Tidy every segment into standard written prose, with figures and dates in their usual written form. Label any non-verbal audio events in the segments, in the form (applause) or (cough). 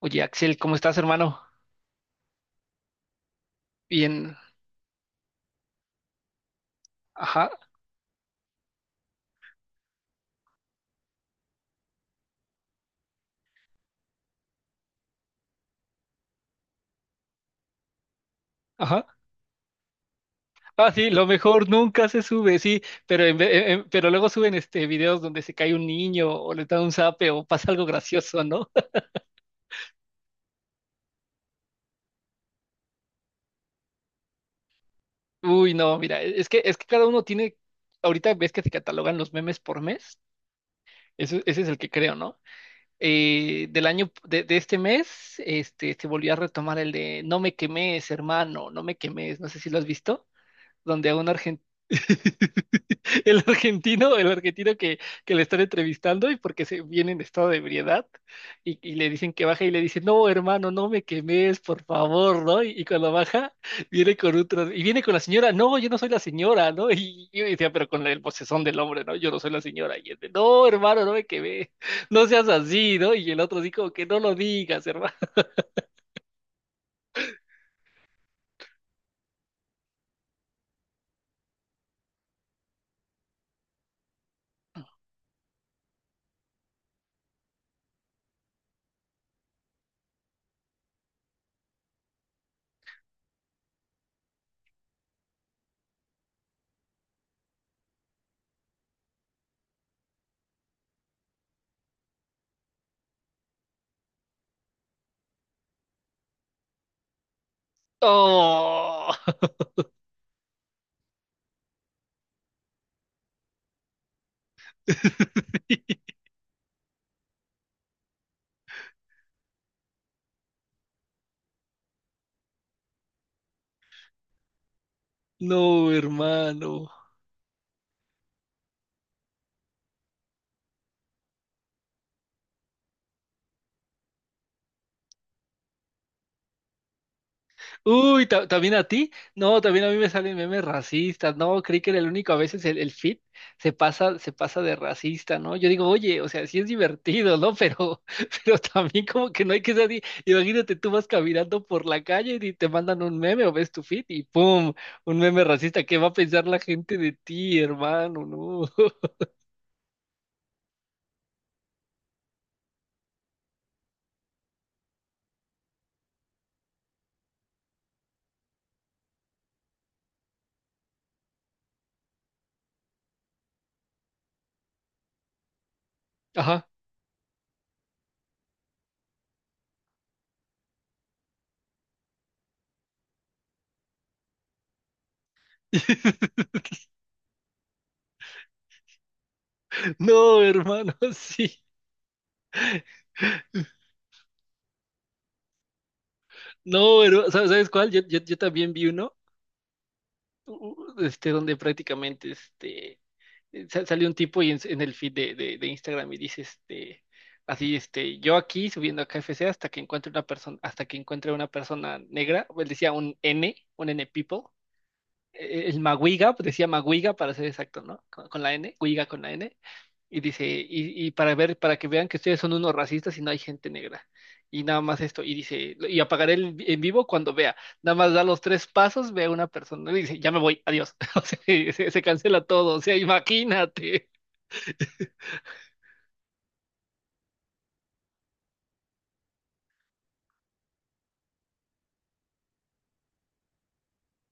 Oye, Axel, ¿cómo estás, hermano? Bien, ajá, ajá. Ah, sí, lo mejor nunca se sube, sí, pero, en ve- en- pero luego suben este videos donde se cae un niño o le da un zape o pasa algo gracioso, ¿no? (laughs) Uy, no, mira, es que cada uno tiene, ahorita ves que se catalogan los memes por mes, ese es el que creo, ¿no? Del año, de este mes, este, se volvió a retomar el de no me quemes, hermano, no me quemes, no sé si lo has visto, donde a un argentino. (laughs) El argentino, que le están entrevistando y porque se viene en estado de ebriedad y le dicen que baje y le dice, no, hermano, no me quemes, por favor, ¿no? Y cuando baja, viene con otro y viene con la señora, no, yo no soy la señora, ¿no? Y yo decía, pero con el vocesón del hombre, ¿no? Yo no soy la señora. Y él de, no, hermano, no me quemes, no seas así, ¿no? Y el otro así como que no lo digas, hermano. (laughs) Oh. (laughs) No, hermano. ¿También a ti? No, también a mí me salen memes racistas. No, creí que era el único. A veces el fit se pasa de racista, ¿no? Yo digo, oye, o sea, sí es divertido, ¿no? Pero, (laughs) pero también como que no hay que ser así. Imagínate, tú vas caminando por la calle y te mandan un meme o ves tu fit y ¡pum! Un meme racista. ¿Qué va a pensar la gente de ti, hermano? No. (laughs) Ajá. (laughs) No, hermano, sí. No, hermano, ¿sabes cuál? Yo también vi uno. Este, donde prácticamente este, salió un tipo y en el feed de Instagram y dice este, así, este, yo aquí subiendo a KFC hasta que encuentre una persona, hasta que encuentre una persona negra, él decía un N people, el Maguiga, pues decía Maguiga para ser exacto, ¿no? Con la N, Guiga con la N. Y dice, y para ver, para que vean que ustedes son unos racistas y no hay gente negra. Y nada más esto. Y dice, y apagaré en vivo cuando vea. Nada más da los tres pasos, ve a una persona y dice, ya me voy, adiós. (laughs) O sea, se cancela todo. O sea, imagínate.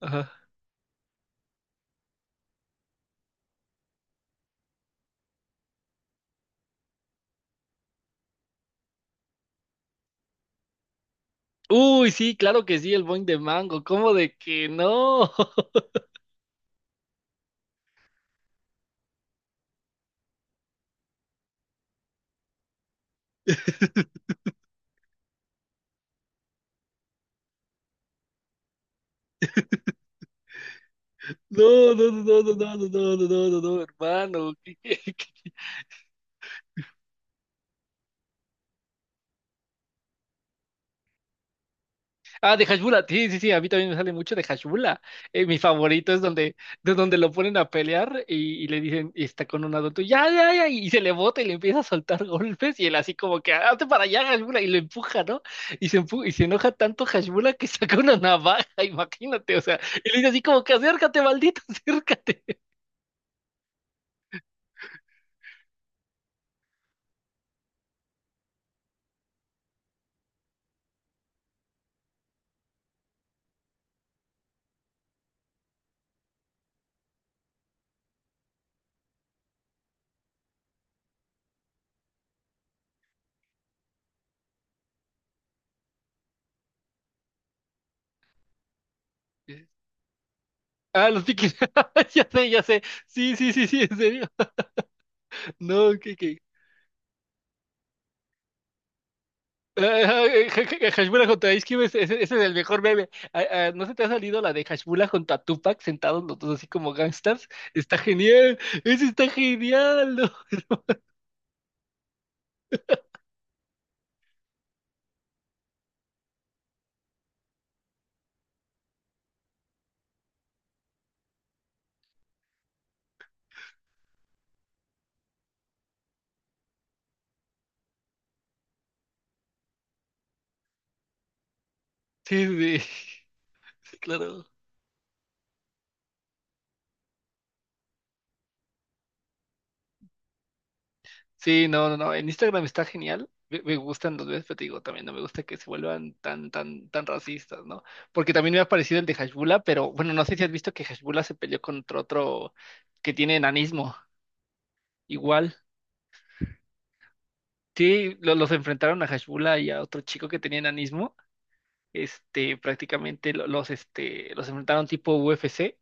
Ajá. Uy, sí, claro que sí, el boing de mango. ¿Cómo de que no? No, (laughs) no, no, no, no, no, no, no, no, no, no, no, hermano. (laughs) Ah, de Hashbula, sí, sí, sí, a mí también me sale mucho de Hashbula. Mi favorito es de donde lo ponen a pelear y le dicen, y está con un adulto, ya, ya, ya, y se le bota y le empieza a soltar (laughs) golpes y él así como que, "Ah, hazte para allá, Hashbula", y lo empuja, ¿no? Y se enoja tanto Hashbula que (laughs) saca una navaja, (laughs) imagínate, o sea, y le dice así como que, acércate, maldito, (laughs) acércate. Ah, los piquis, (laughs) ya sé, sí, sí, sí, sí, en serio. No, que ah, Hashmula contra Ice Cube, ese es el mejor meme. Ah, ah, ¿no se te ha salido la de Hashmula contra Tupac sentados los dos así como gangsters? Está genial, ese está genial, ¿no? Sí, sí, sí, claro. Sí, no, no, no, en Instagram está genial. Me gustan los memes, pero te digo, también no me gusta que se vuelvan tan racistas, ¿no? Porque también me ha parecido el de Hashmula, pero bueno, no sé si has visto que Hashmula se peleó contra otro que tiene enanismo, igual. Sí, los enfrentaron a Hashbula y a otro chico que tenía enanismo, este, prácticamente los, este, los enfrentaron tipo UFC.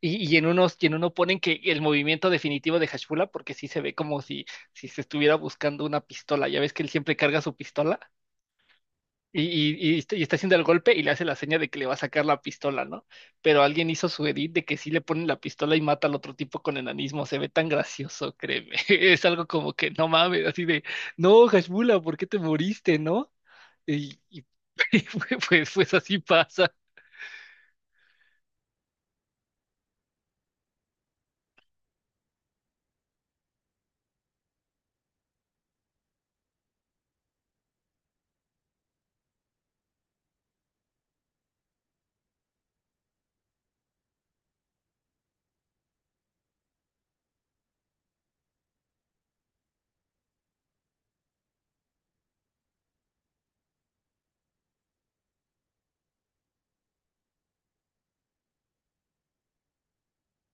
Y en uno ponen que el movimiento definitivo de Hashbula, porque sí se ve como si, si se estuviera buscando una pistola. Ya ves que él siempre carga su pistola y, y está haciendo el golpe y le hace la seña de que le va a sacar la pistola, ¿no? Pero alguien hizo su edit de que sí le ponen la pistola y mata al otro tipo con enanismo. Se ve tan gracioso, créeme. (laughs) Es algo como que no mames, así de, no, Hashbula, ¿por qué te moriste, no? Y (laughs) pues, pues así pasa.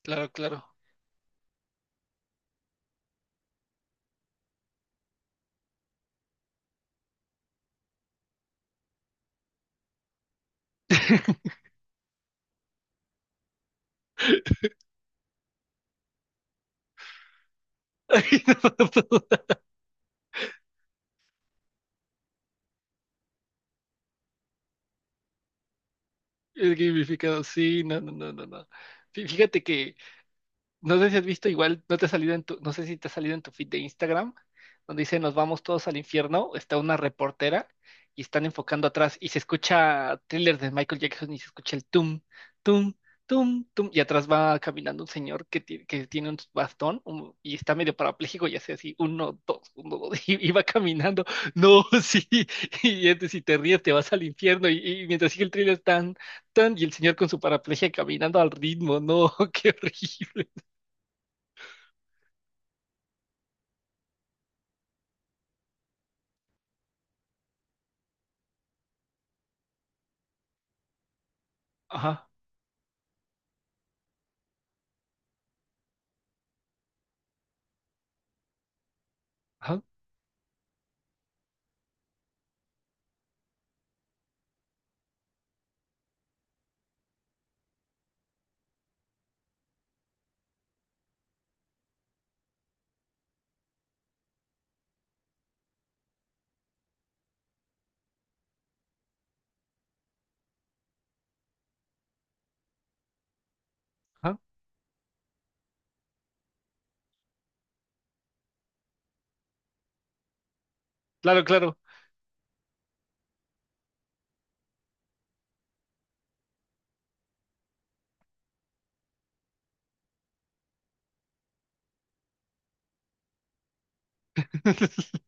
Claro, claro. (laughs) Ay, no, no, no, el gamificado, sí, no, no, no, no, no. Fíjate que no sé si has visto, igual no te ha salido en tu, no sé si te ha salido en tu feed de Instagram, donde dice nos vamos todos al infierno, está una reportera y están enfocando atrás y se escucha thriller de Michael Jackson y se escucha el tum, tum, tum, tum, y atrás va caminando un señor que, que tiene un bastón y está medio parapléjico y hace así, uno, dos, uno, dos, (laughs) y va caminando. No, (laughs) sí, y este, si te ríes te vas al infierno y mientras sigue el thriller tan, tan, y el señor con su paraplegia caminando al ritmo, no, (laughs) qué horrible. Ajá, ajá, ajá. Claro, claro. (laughs)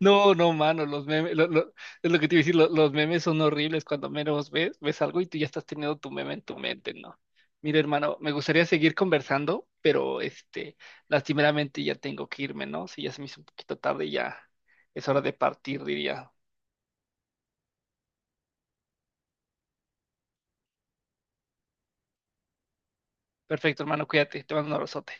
No, no, mano, los memes, es lo que te iba a decir, los memes son horribles cuando menos ves, ves algo y tú ya estás teniendo tu meme en tu mente, ¿no? Mira, hermano, me gustaría seguir conversando, pero este, lastimeramente ya tengo que irme, ¿no? Si ya se me hizo un poquito tarde, y ya es hora de partir, diría. Perfecto, hermano, cuídate, te mando un abrazote.